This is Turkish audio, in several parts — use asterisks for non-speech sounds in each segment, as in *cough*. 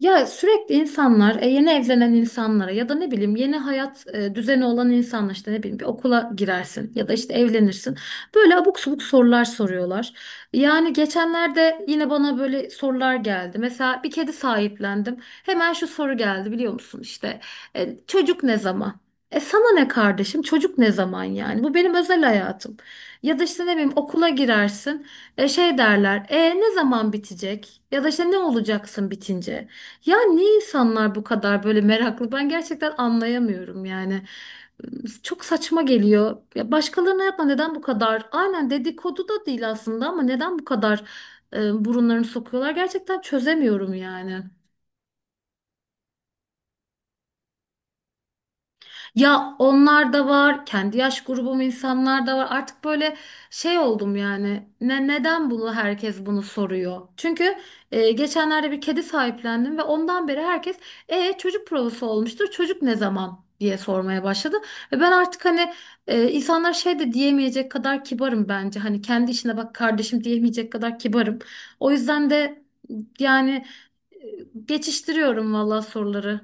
Ya sürekli insanlar, yeni evlenen insanlara ya da ne bileyim yeni hayat düzeni olan insanlar işte ne bileyim bir okula girersin ya da işte evlenirsin. Böyle abuk subuk sorular soruyorlar. Yani geçenlerde yine bana böyle sorular geldi. Mesela bir kedi sahiplendim. Hemen şu soru geldi biliyor musun işte çocuk ne zaman? E sana ne kardeşim, çocuk ne zaman? Yani bu benim özel hayatım. Ya da işte ne bileyim okula girersin, şey derler, ne zaman bitecek ya da işte ne olacaksın bitince. Ya niye insanlar bu kadar böyle meraklı? Ben gerçekten anlayamıyorum yani. Çok saçma geliyor. Ya başkalarına yapma, neden bu kadar? Aynen, dedikodu da değil aslında ama neden bu kadar burunlarını sokuyorlar? Gerçekten çözemiyorum yani. Ya onlar da var, kendi yaş grubum insanlar da var. Artık böyle şey oldum yani. Neden bunu herkes bunu soruyor? Çünkü geçenlerde bir kedi sahiplendim ve ondan beri herkes çocuk provası olmuştur. Çocuk ne zaman diye sormaya başladı. Ve ben artık hani insanlar şey de diyemeyecek kadar kibarım bence. Hani kendi işine bak kardeşim diyemeyecek kadar kibarım. O yüzden de yani e, geçiştiriyorum vallahi soruları.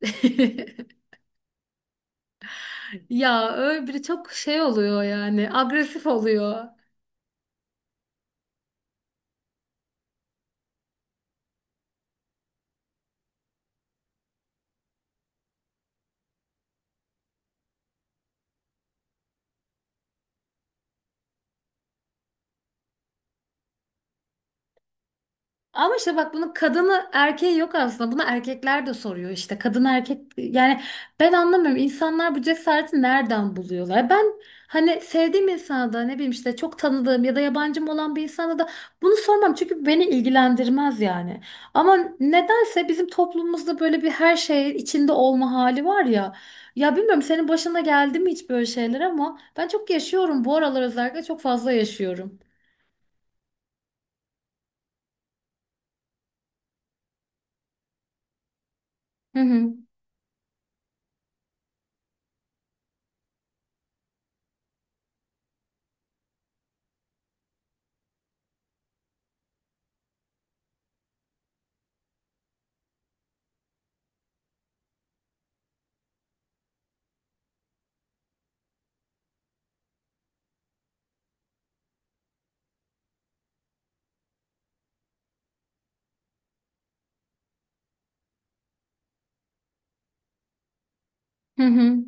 *laughs* Ya öyle biri çok şey oluyor yani, agresif oluyor. Ama işte bak, bunun kadını erkeği yok aslında. Bunu erkekler de soruyor işte. Kadın erkek yani ben anlamıyorum. İnsanlar bu cesareti nereden buluyorlar? Ben hani sevdiğim insana da ne bileyim işte, çok tanıdığım ya da yabancım olan bir insana da bunu sormam. Çünkü beni ilgilendirmez yani. Ama nedense bizim toplumumuzda böyle bir her şey içinde olma hali var ya. Ya bilmiyorum, senin başına geldi mi hiç böyle şeyler, ama ben çok yaşıyorum. Bu aralar özellikle çok fazla yaşıyorum. Hı hı. Hı hı.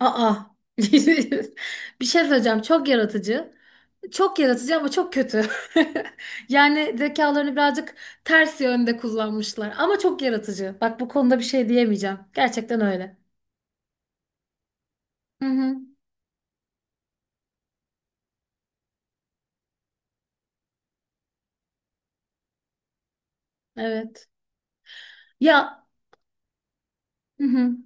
Aa. *laughs* Bir şey söyleyeceğim. Çok yaratıcı. Çok yaratıcı ama çok kötü. *laughs* Yani zekalarını birazcık ters yönde kullanmışlar. Ama çok yaratıcı. Bak, bu konuda bir şey diyemeyeceğim. Gerçekten öyle. Hı hı. Evet. Ya. Hı hı.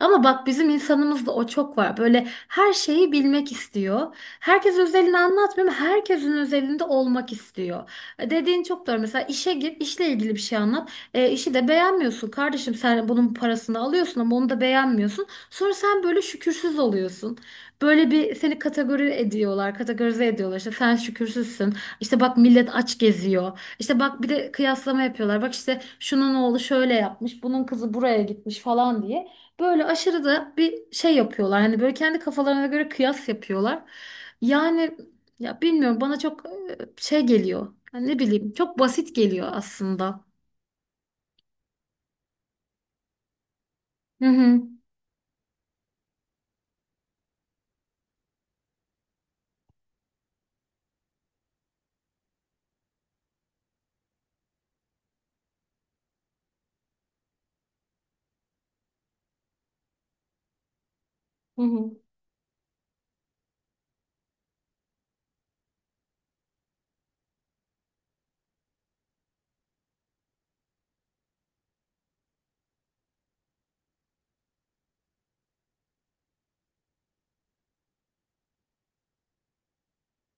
Ama bak, bizim insanımızda o çok var. Böyle her şeyi bilmek istiyor. Herkes özelini anlatmıyor ama herkesin özelinde olmak istiyor. E, dediğin çok doğru. Mesela işe gir, işle ilgili bir şey anlat. E, işi de beğenmiyorsun. Kardeşim sen bunun parasını alıyorsun ama onu da beğenmiyorsun. Sonra sen böyle şükürsüz oluyorsun. Böyle bir seni kategori ediyorlar, kategorize ediyorlar. İşte sen şükürsüzsün. İşte bak, millet aç geziyor. İşte bak, bir de kıyaslama yapıyorlar. Bak işte, şunun oğlu şöyle yapmış, bunun kızı buraya gitmiş falan diye. Böyle aşırı da bir şey yapıyorlar. Hani böyle kendi kafalarına göre kıyas yapıyorlar. Yani ya bilmiyorum, bana çok şey geliyor. Yani ne bileyim, çok basit geliyor aslında. Hı hı. Hı hı.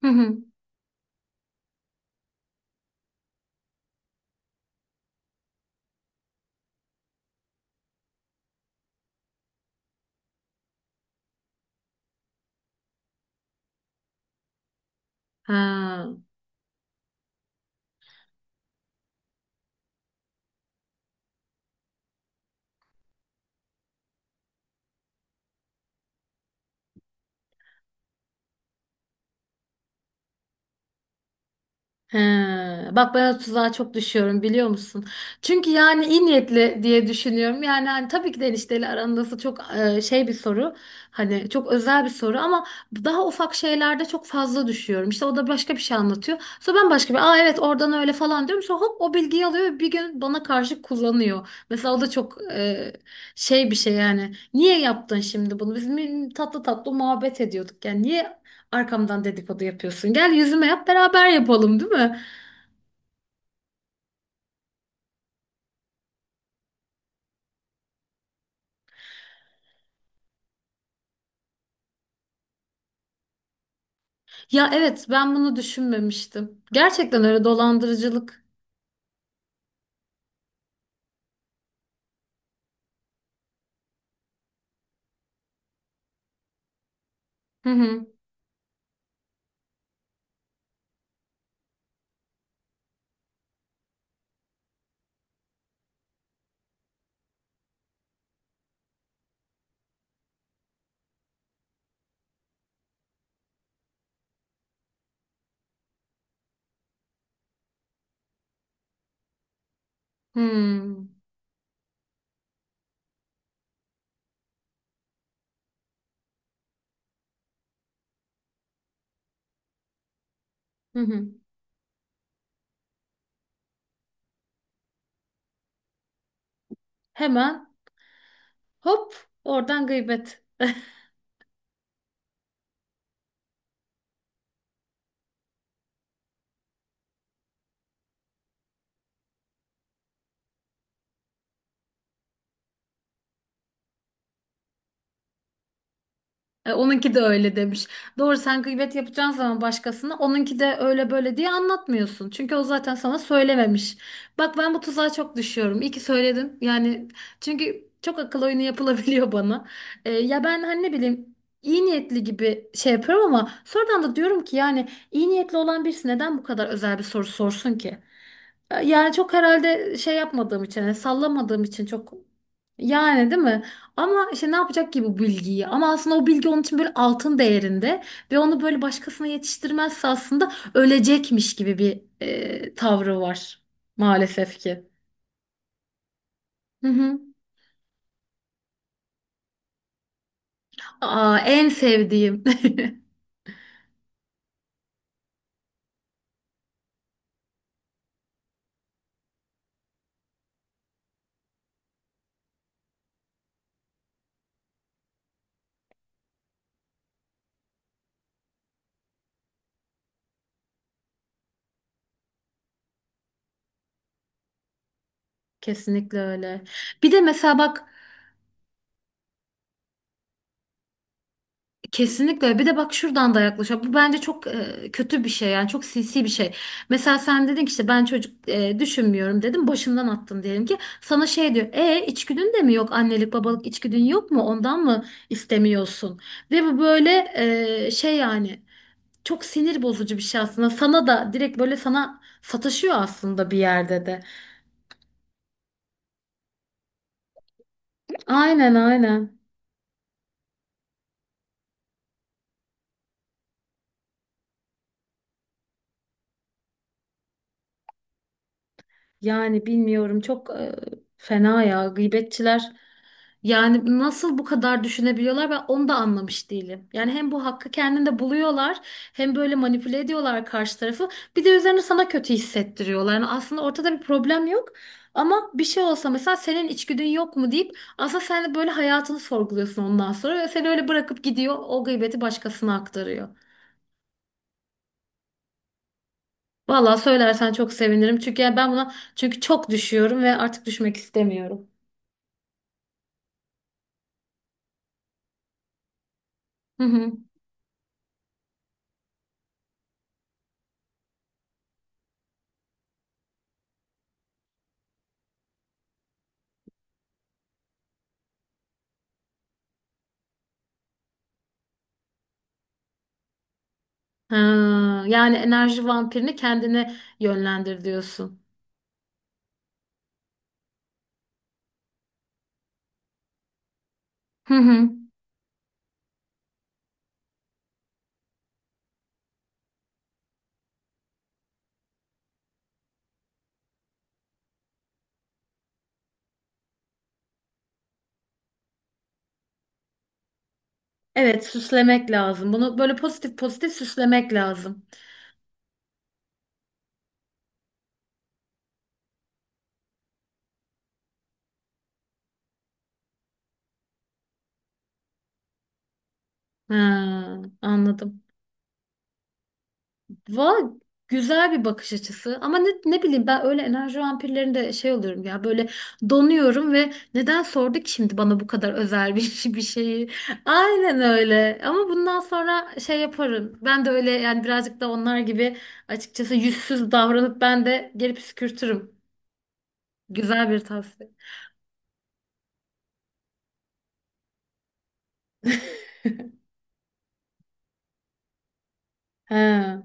Hı hı. Ha. He, bak ben o tuzağa çok düşüyorum biliyor musun? Çünkü yani iyi niyetli diye düşünüyorum. Yani hani tabii ki de enişteyle arandası çok şey bir soru. Hani çok özel bir soru ama daha ufak şeylerde çok fazla düşüyorum. İşte o da başka bir şey anlatıyor. Sonra ben başka bir, aa evet oradan öyle falan diyorum. Sonra hop, o bilgiyi alıyor ve bir gün bana karşı kullanıyor. Mesela o da çok şey bir şey yani. Niye yaptın şimdi bunu? Tatlı tatlı muhabbet ediyorduk. Yani niye arkamdan dedikodu yapıyorsun? Gel yüzüme yap, beraber yapalım, değil mi? Ya evet, ben bunu düşünmemiştim. Gerçekten öyle, dolandırıcılık. Hı hı. Hı, hı hı. Hemen hop, oradan gıybet. E, onunki de öyle demiş. Doğru, sen gıybet yapacağın zaman başkasına onunki de öyle böyle diye anlatmıyorsun. Çünkü o zaten sana söylememiş. Bak, ben bu tuzağa çok düşüyorum. İyi ki söyledim. Yani çünkü çok akıl oyunu yapılabiliyor *laughs* bana. E, ya ben hani ne bileyim iyi niyetli gibi şey yapıyorum, ama sonradan da diyorum ki yani iyi niyetli olan birisi neden bu kadar özel bir soru sorsun ki? E, yani çok herhalde şey yapmadığım için, yani sallamadığım için çok, yani değil mi? Ama işte ne yapacak ki bu bilgiyi? Ama aslında o bilgi onun için böyle altın değerinde ve onu böyle başkasına yetiştirmezse aslında ölecekmiş gibi bir tavrı var maalesef ki. Hı hı. Aa, en sevdiğim. *laughs* Kesinlikle öyle. Bir de mesela bak. Kesinlikle. Bir de bak, şuradan da yaklaşıyor. Bu bence çok kötü bir şey, yani çok sinsi bir şey. Mesela sen dedin ki işte ben çocuk düşünmüyorum dedim. Başından attın diyelim ki. Sana şey diyor. E, içgüdün de mi yok? Annelik babalık içgüdün yok mu? Ondan mı istemiyorsun? Ve bu böyle şey, yani çok sinir bozucu bir şey aslında. Sana da direkt böyle sana sataşıyor aslında bir yerde de. Aynen aynen. Yani bilmiyorum çok, fena ya gıybetçiler. Yani nasıl bu kadar düşünebiliyorlar ben onu da anlamış değilim. Yani hem bu hakkı kendinde buluyorlar, hem böyle manipüle ediyorlar karşı tarafı, bir de üzerine sana kötü hissettiriyorlar. Yani aslında ortada bir problem yok, ama bir şey olsa mesela senin içgüdün yok mu deyip, aslında sen de böyle hayatını sorguluyorsun ondan sonra ve seni öyle bırakıp gidiyor, o gıybeti başkasına aktarıyor. Vallahi söylersen çok sevinirim, çünkü yani ben buna çünkü çok düşüyorum ve artık düşmek istemiyorum. Hı hı. Ha, yani enerji vampirini kendine yönlendir diyorsun. Hı hı. Evet, süslemek lazım. Bunu böyle pozitif pozitif süslemek lazım. Ha, anladım. Va Güzel bir bakış açısı. Ama ne, ne bileyim ben öyle enerji vampirlerinde şey oluyorum ya, böyle donuyorum ve neden sordu ki şimdi bana bu kadar özel bir, *laughs* bir şeyi? Aynen öyle. Ama bundan sonra şey yaparım. Ben de öyle yani, birazcık da onlar gibi açıkçası yüzsüz davranıp ben de geri püskürtürüm. Güzel bir tavsiye. *laughs* He,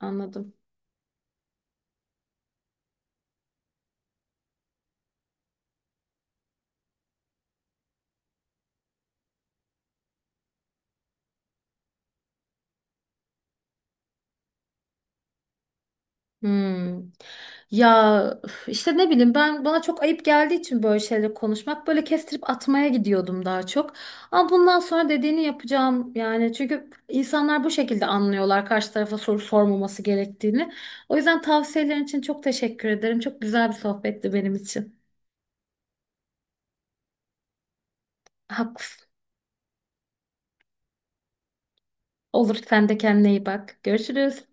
anladım. Hmm. Ya üf, işte ne bileyim, ben bana çok ayıp geldiği için böyle şeyleri konuşmak böyle kestirip atmaya gidiyordum daha çok. Ama bundan sonra dediğini yapacağım yani, çünkü insanlar bu şekilde anlıyorlar karşı tarafa soru sormaması gerektiğini. O yüzden tavsiyelerin için çok teşekkür ederim. Çok güzel bir sohbetti benim için. Haklısın. Olur, sen de kendine iyi bak. Görüşürüz.